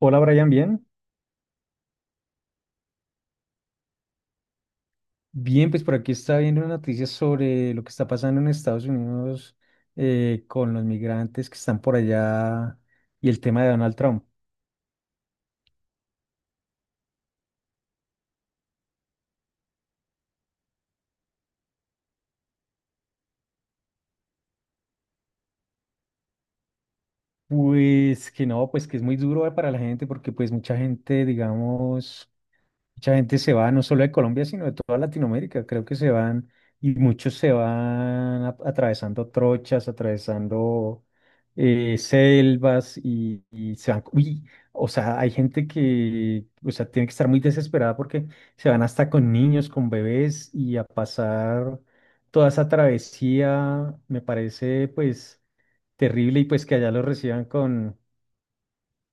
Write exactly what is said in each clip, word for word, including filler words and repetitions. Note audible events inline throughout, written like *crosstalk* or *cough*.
Hola Brian, ¿bien? Bien, pues por aquí está viendo noticias sobre lo que está pasando en Estados Unidos, eh, con los migrantes que están por allá y el tema de Donald Trump. Pues que no, pues que es muy duro, eh, para la gente porque pues mucha gente, digamos... Mucha gente se va no solo de Colombia, sino de toda Latinoamérica. Creo que se van y muchos se van a- atravesando trochas, atravesando eh, selvas y, y se van. Uy, o sea, hay gente que, o sea, tiene que estar muy desesperada porque se van hasta con niños, con bebés y a pasar toda esa travesía. Me parece, pues, terrible y pues que allá los reciban con,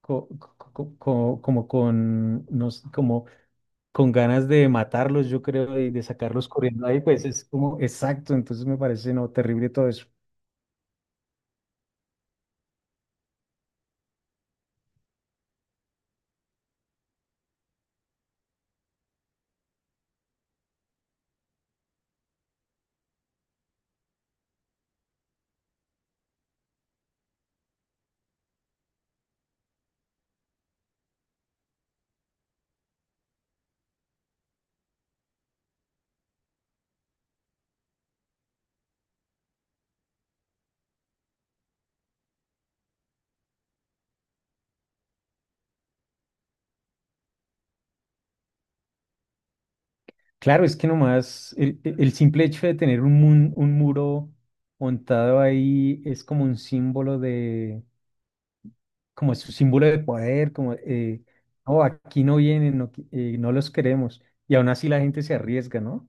co- co- co- co- como con, no sé, como con ganas de matarlos, yo creo, y de sacarlos corriendo ahí, pues es como exacto, entonces me parece no terrible todo eso. Claro, es que nomás el, el- el simple hecho de tener un, mun- un muro montado ahí es como un símbolo de, como es un símbolo de poder, como, eh, no, aquí no vienen, no, qui- eh, no los queremos, y aún así la gente se arriesga, ¿no?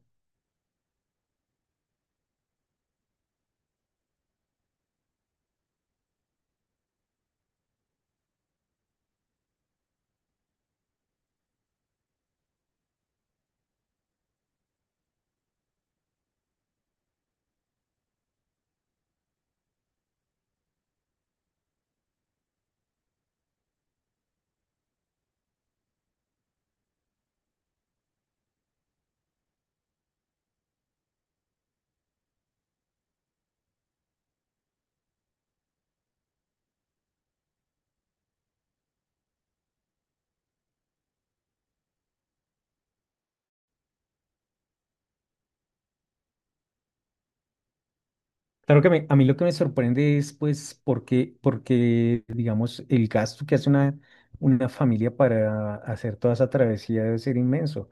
Claro que me- a mí lo que me sorprende es, pues, porque, porque, digamos, el gasto que hace una, una familia para hacer toda esa travesía debe ser inmenso.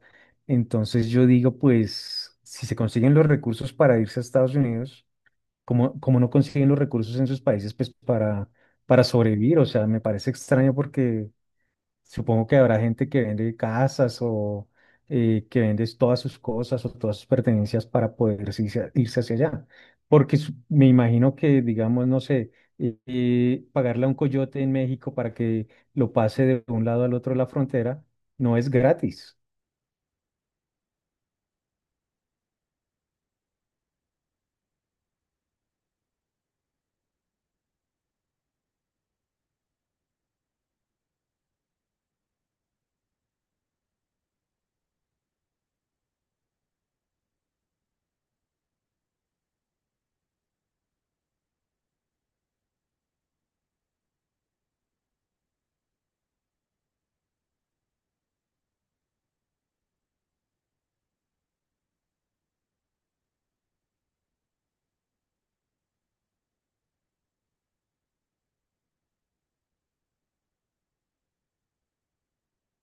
Entonces yo digo, pues, si se consiguen los recursos para irse a Estados Unidos, como, como no consiguen los recursos en sus países, pues, para, para sobrevivir? O sea, me parece extraño porque Supongo que habrá gente que vende casas o, eh, que vende todas sus cosas o todas sus pertenencias para poder irse, irse hacia allá. Porque su- me imagino que, digamos, no sé, eh, eh, pagarle a un coyote en México para que lo pase de un lado al otro de la frontera no es gratis.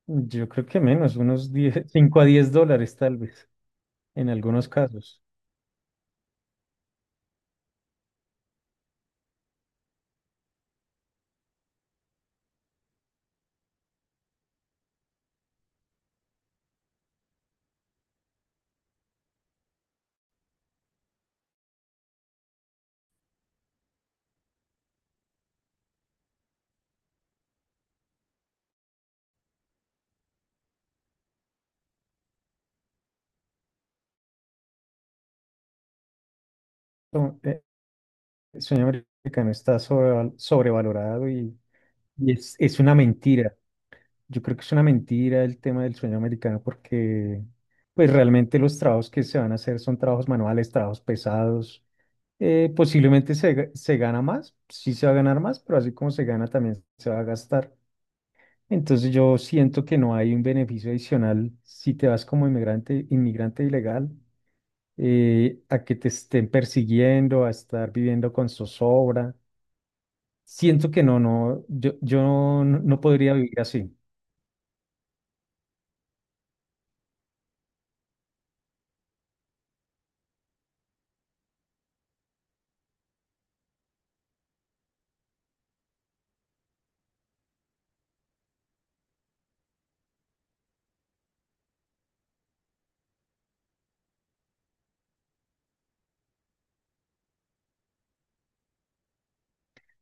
Yo creo que menos, unos diez, cinco *laughs* a diez dólares tal vez, en algunos casos. No, eh, El sueño americano está sobreval- sobrevalorado y, y es, es una mentira. Yo creo que es una mentira el tema del sueño americano porque pues realmente los trabajos que se van a hacer son trabajos manuales, trabajos pesados. Eh, posiblemente se, ga- se gana más, sí se va a ganar más, pero así como se gana también se va a gastar. Entonces yo siento que no hay un beneficio adicional si te vas como inmigrante, inmigrante ilegal, eh, a que te estén persiguiendo, a estar viviendo con zozobra. Siento que no, no, yo, yo no no podría vivir así.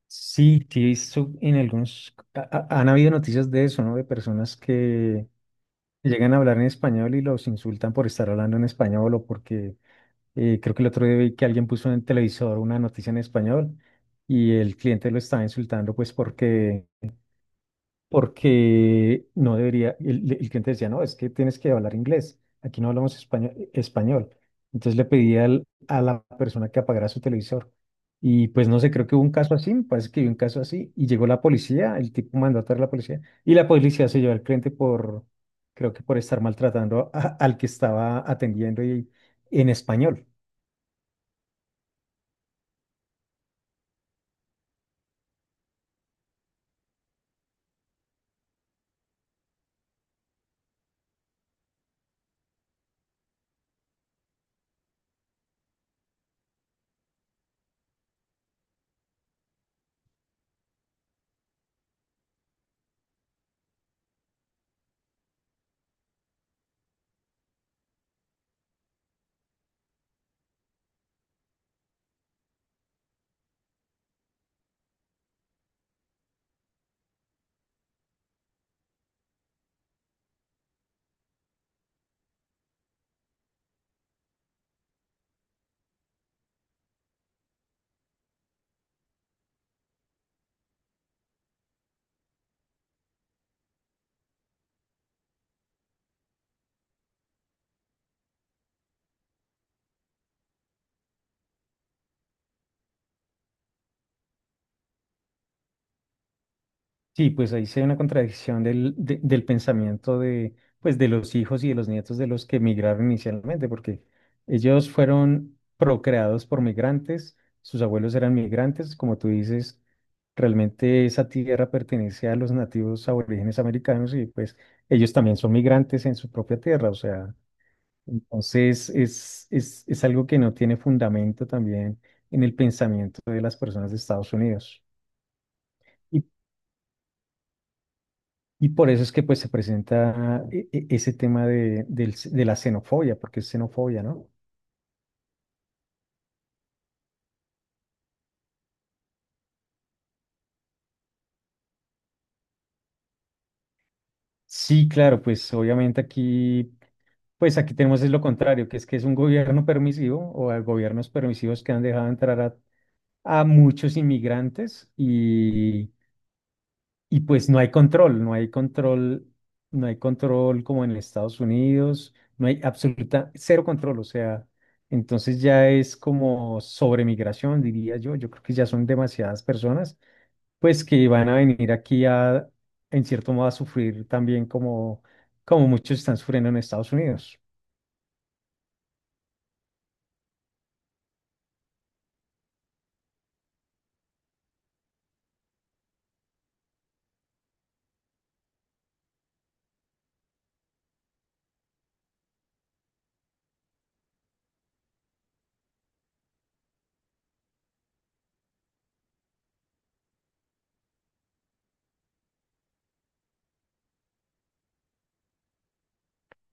Sí, sí, he visto en algunos, ha- ha- han habido noticias de eso, ¿no? De personas que llegan a hablar en español y los insultan por estar hablando en español o porque, eh, creo que el otro día vi que alguien puso en el televisor una noticia en español y el cliente lo estaba insultando pues porque, porque no debería, el, el cliente decía, no, es que tienes que hablar inglés, aquí no hablamos español, español. Entonces le pedí al- a la persona que apagara su televisor. Y pues no sé, creo que hubo un caso así, me parece que hubo un caso así, y llegó la policía, el tipo mandó a traer la policía, y la policía se llevó al cliente por, creo que por estar maltratando a- al que estaba atendiendo y, en español. Sí, pues ahí se ve una contradicción del, de- del pensamiento de, pues, de los hijos y de los nietos de los que emigraron inicialmente, porque ellos fueron procreados por migrantes, sus abuelos eran migrantes, como tú dices, realmente esa tierra pertenece a los nativos aborígenes americanos y pues ellos también son migrantes en su propia tierra, o sea, entonces es, es, es algo que no tiene fundamento también en el pensamiento de las personas de Estados Unidos. Y por eso es que pues se presenta e- e- ese tema de, del c- de la xenofobia, porque es xenofobia, ¿no? Sí, claro, pues obviamente aquí, pues aquí tenemos es lo contrario, que es que es un gobierno permisivo o a gobiernos permisivos que han dejado entrar a, a muchos inmigrantes. Y pues no hay control, no hay control, no hay control como en Estados Unidos, no hay absoluta, cero control, o sea, entonces ya es como sobremigración, diría yo, yo creo que ya son demasiadas personas, pues que van a venir aquí a, en cierto modo, a sufrir también como, como muchos están sufriendo en Estados Unidos.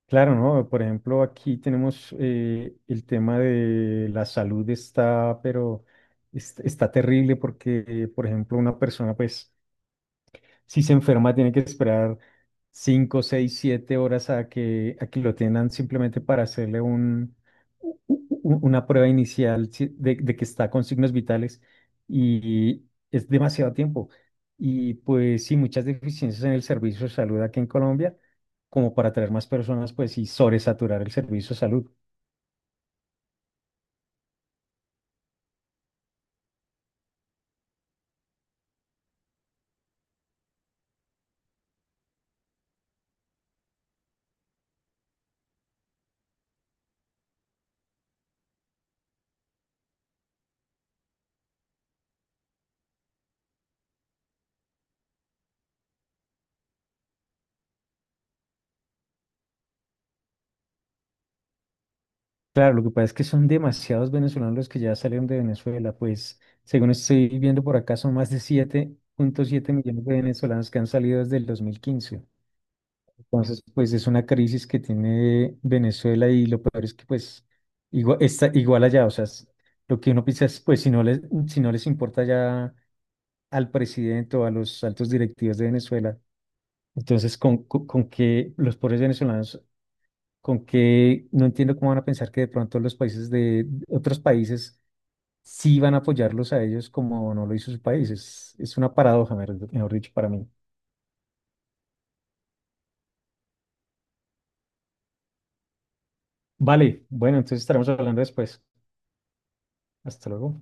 Claro, ¿no? Por ejemplo, aquí tenemos, eh, el tema de la salud está, pero es- está terrible porque, por ejemplo, una persona, pues si se enferma, tiene que esperar cinco, seis, siete horas a que, a que lo tengan simplemente para hacerle un, u- u- una prueba inicial, si- de, de que está con signos vitales y es demasiado tiempo. Y pues sí, muchas deficiencias en el servicio de salud aquí en Colombia, como para traer más personas, pues y sobresaturar el servicio de salud. Claro, lo que pasa es que son demasiados venezolanos los que ya salieron de Venezuela, pues según estoy viendo por acá son más de siete punto siete millones de venezolanos que han salido desde el dos mil quince. Entonces, pues es una crisis que tiene Venezuela y lo peor es que pues igual, está igual allá, o sea, es- lo que uno piensa es, pues si no les, si no les importa ya al presidente o a los altos directivos de Venezuela, entonces con, con, con que los pobres venezolanos, con que no entiendo cómo van a pensar que de pronto los países de otros países sí van a apoyarlos a ellos como no lo hizo su país. Es, es una paradoja, mejor mejor dicho, para mí. Vale, bueno, entonces estaremos hablando después. Hasta luego.